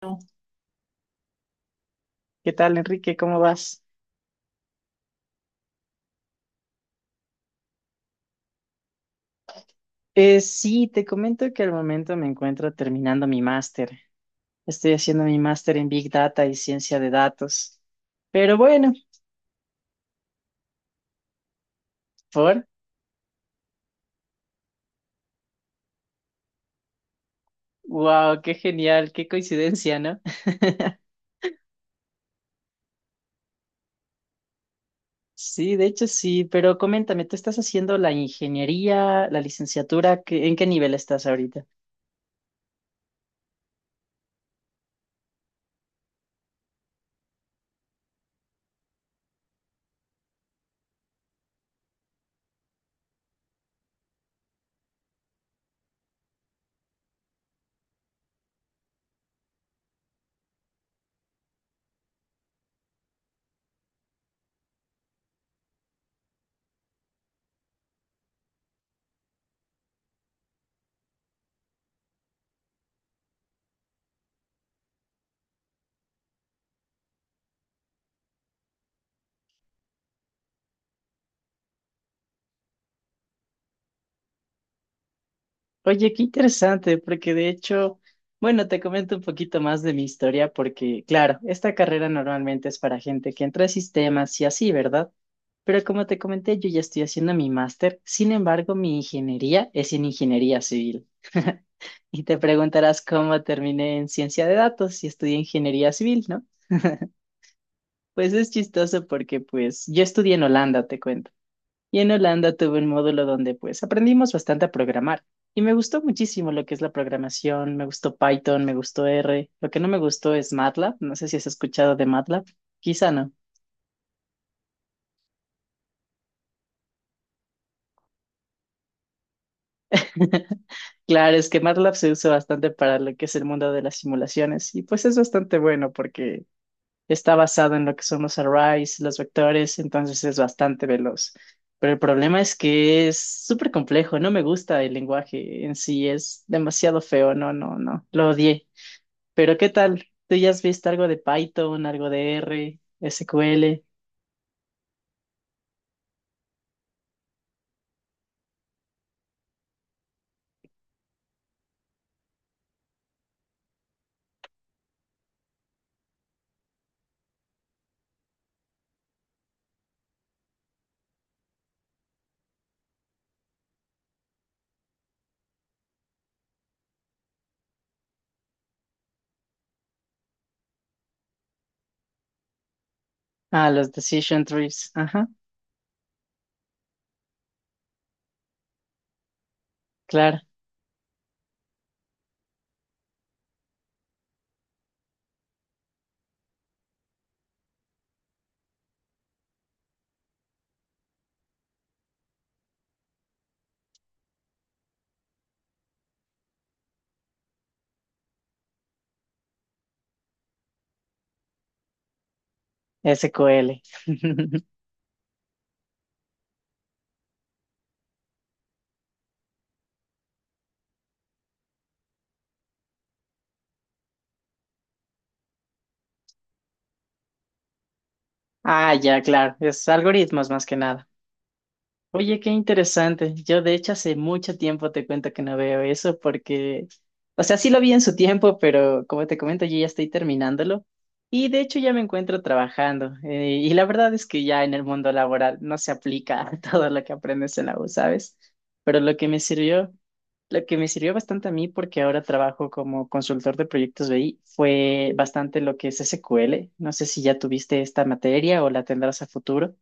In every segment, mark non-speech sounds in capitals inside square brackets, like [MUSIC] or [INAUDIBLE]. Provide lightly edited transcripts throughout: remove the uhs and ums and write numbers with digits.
Bueno, ¿qué tal, Enrique? ¿Cómo vas? Sí, te comento que al momento me encuentro terminando mi máster. Estoy haciendo mi máster en Big Data y ciencia de datos. Pero bueno, por... ¡Wow! ¡Qué genial! ¡Qué coincidencia! ¿No? [LAUGHS] Sí, de hecho sí, pero coméntame, ¿tú estás haciendo la ingeniería, la licenciatura? ¿En qué nivel estás ahorita? Oye, qué interesante, porque de hecho, bueno, te comento un poquito más de mi historia, porque claro, esta carrera normalmente es para gente que entra a sistemas y así, ¿verdad? Pero como te comenté, yo ya estoy haciendo mi máster, sin embargo, mi ingeniería es en ingeniería civil. [LAUGHS] Y te preguntarás cómo terminé en ciencia de datos y estudié ingeniería civil, ¿no? Pues es chistoso porque pues yo estudié en Holanda, te cuento. Y en Holanda tuve un módulo donde pues aprendimos bastante a programar y me gustó muchísimo lo que es la programación, me gustó Python, me gustó R, lo que no me gustó es MATLAB, no sé si has escuchado de MATLAB, quizá no. [LAUGHS] Claro, es que MATLAB se usa bastante para lo que es el mundo de las simulaciones y pues es bastante bueno porque está basado en lo que son los arrays, los vectores, entonces es bastante veloz. Pero el problema es que es súper complejo, no me gusta el lenguaje en sí, es demasiado feo, no, no, no, lo odié. Pero ¿qué tal? ¿Tú ya has visto algo de Python, algo de R, SQL? Ah, los decision trees. Ajá, claro, SQL. [LAUGHS] Ah, ya, claro, es algoritmos más que nada. Oye, qué interesante. Yo de hecho hace mucho tiempo te cuento que no veo eso porque, o sea, sí lo vi en su tiempo, pero como te comento, yo ya estoy terminándolo y de hecho ya me encuentro trabajando. Y la verdad es que ya en el mundo laboral no se aplica [LAUGHS] todo lo que aprendes en la U, ¿sabes? Pero lo que me sirvió, lo que me sirvió bastante a mí porque ahora trabajo como consultor de proyectos BI, fue bastante lo que es SQL. No sé si ya tuviste esta materia o la tendrás a futuro.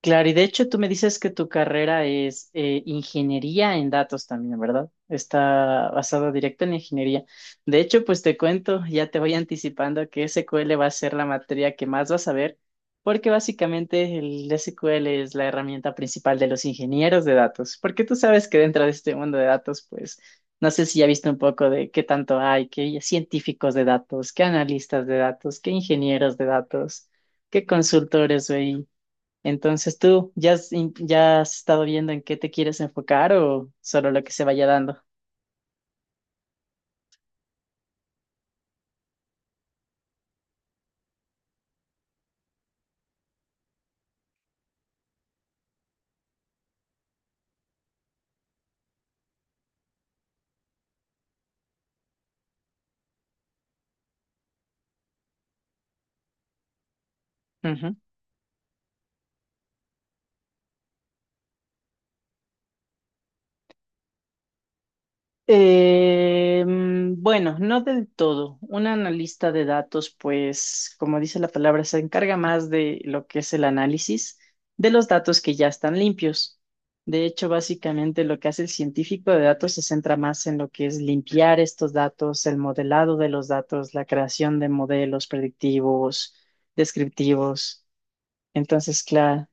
Claro, y de hecho tú me dices que tu carrera es ingeniería en datos también, ¿verdad? Está basada directo en ingeniería. De hecho, pues te cuento, ya te voy anticipando que SQL va a ser la materia que más vas a ver, porque básicamente el SQL es la herramienta principal de los ingenieros de datos, porque tú sabes que dentro de este mundo de datos, pues no sé si ya viste un poco de qué tanto hay, que hay científicos de datos, qué analistas de datos, qué ingenieros de datos, qué consultores, güey. Entonces, ¿tú ya has, ya has estado viendo en qué te quieres enfocar o solo lo que se vaya dando? Ujú. Bueno, no del todo. Un analista de datos, pues, como dice la palabra, se encarga más de lo que es el análisis de los datos que ya están limpios. De hecho, básicamente lo que hace el científico de datos se centra más en lo que es limpiar estos datos, el modelado de los datos, la creación de modelos predictivos, descriptivos. Entonces, claro,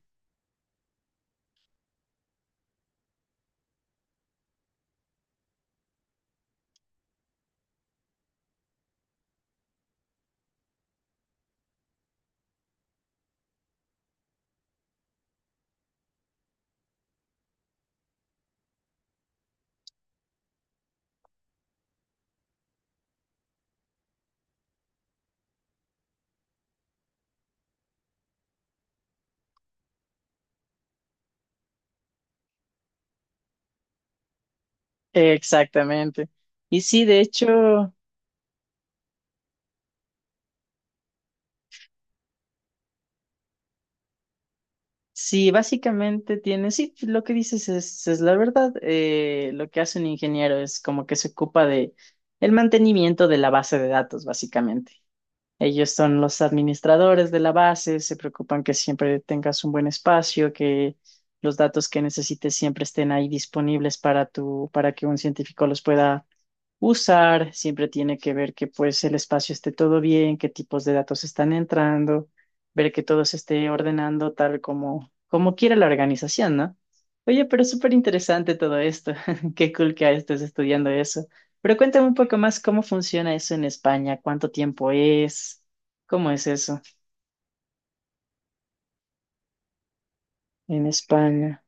exactamente. Y sí, de hecho, sí, básicamente tiene, sí, pues, lo que dices es la verdad. Lo que hace un ingeniero es como que se ocupa de el mantenimiento de la base de datos, básicamente. Ellos son los administradores de la base, se preocupan que siempre tengas un buen espacio, que los datos que necesites siempre estén ahí disponibles para tu, para que un científico los pueda usar, siempre tiene que ver que pues el espacio esté todo bien, qué tipos de datos están entrando, ver que todo se esté ordenando tal como, como quiera la organización, ¿no? Oye, pero es súper interesante todo esto. [LAUGHS] Qué cool que estés estudiando eso. Pero cuéntame un poco más cómo funciona eso en España, cuánto tiempo es, cómo es eso en España.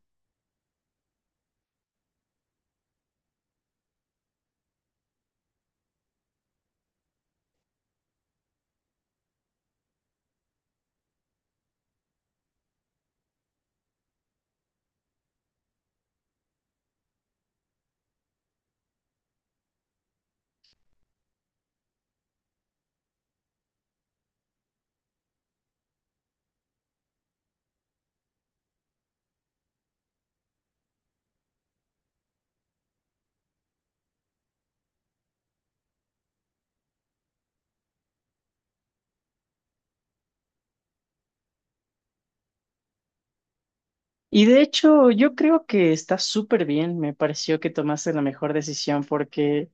Y de hecho, yo creo que está súper bien. Me pareció que tomaste la mejor decisión porque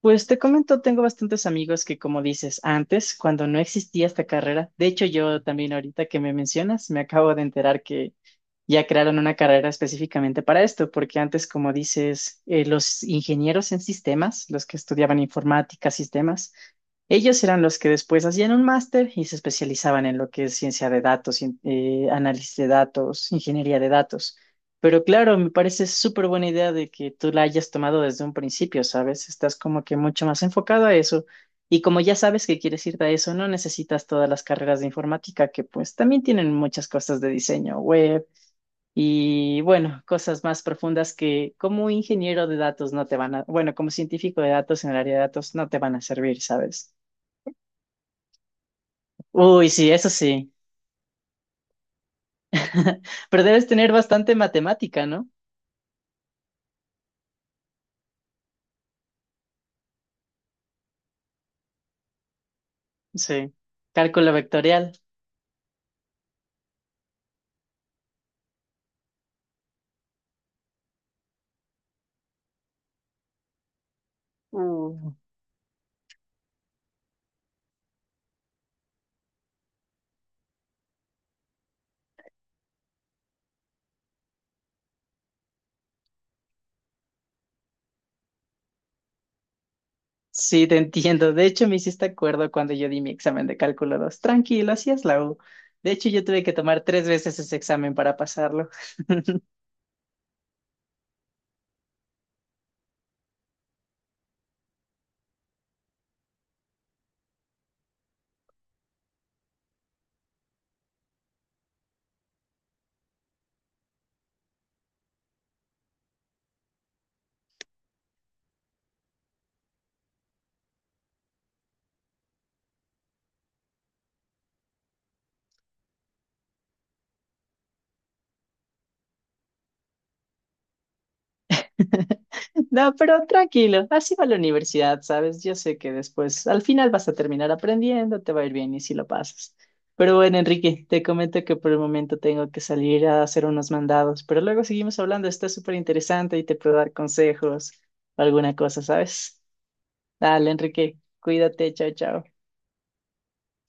pues te comento, tengo bastantes amigos que, como dices, antes, cuando no existía esta carrera, de hecho yo también ahorita que me mencionas, me acabo de enterar que ya crearon una carrera específicamente para esto, porque antes, como dices, los ingenieros en sistemas, los que estudiaban informática, sistemas, ellos eran los que después hacían un máster y se especializaban en lo que es ciencia de datos, análisis de datos, ingeniería de datos. Pero claro, me parece súper buena idea de que tú la hayas tomado desde un principio, ¿sabes? Estás como que mucho más enfocado a eso. Y como ya sabes que quieres irte a eso, no necesitas todas las carreras de informática, que pues también tienen muchas cosas de diseño web y bueno, cosas más profundas que como ingeniero de datos no te van a, bueno, como científico de datos en el área de datos no te van a servir, ¿sabes? Uy, sí, eso sí. [LAUGHS] Pero debes tener bastante matemática, ¿no? Sí. Cálculo vectorial. Uh. Sí, te entiendo. De hecho, me hiciste acuerdo cuando yo di mi examen de cálculo 2. Tranquilo, así es la U. De hecho, yo tuve que tomar tres veces ese examen para pasarlo. [LAUGHS] [LAUGHS] No, pero tranquilo, así va la universidad, ¿sabes? Yo sé que después, al final vas a terminar aprendiendo, te va a ir bien y si lo pasas. Pero bueno, Enrique, te comento que por el momento tengo que salir a hacer unos mandados, pero luego seguimos hablando, está súper interesante y te puedo dar consejos o alguna cosa, ¿sabes? Dale, Enrique, cuídate, chao, chao.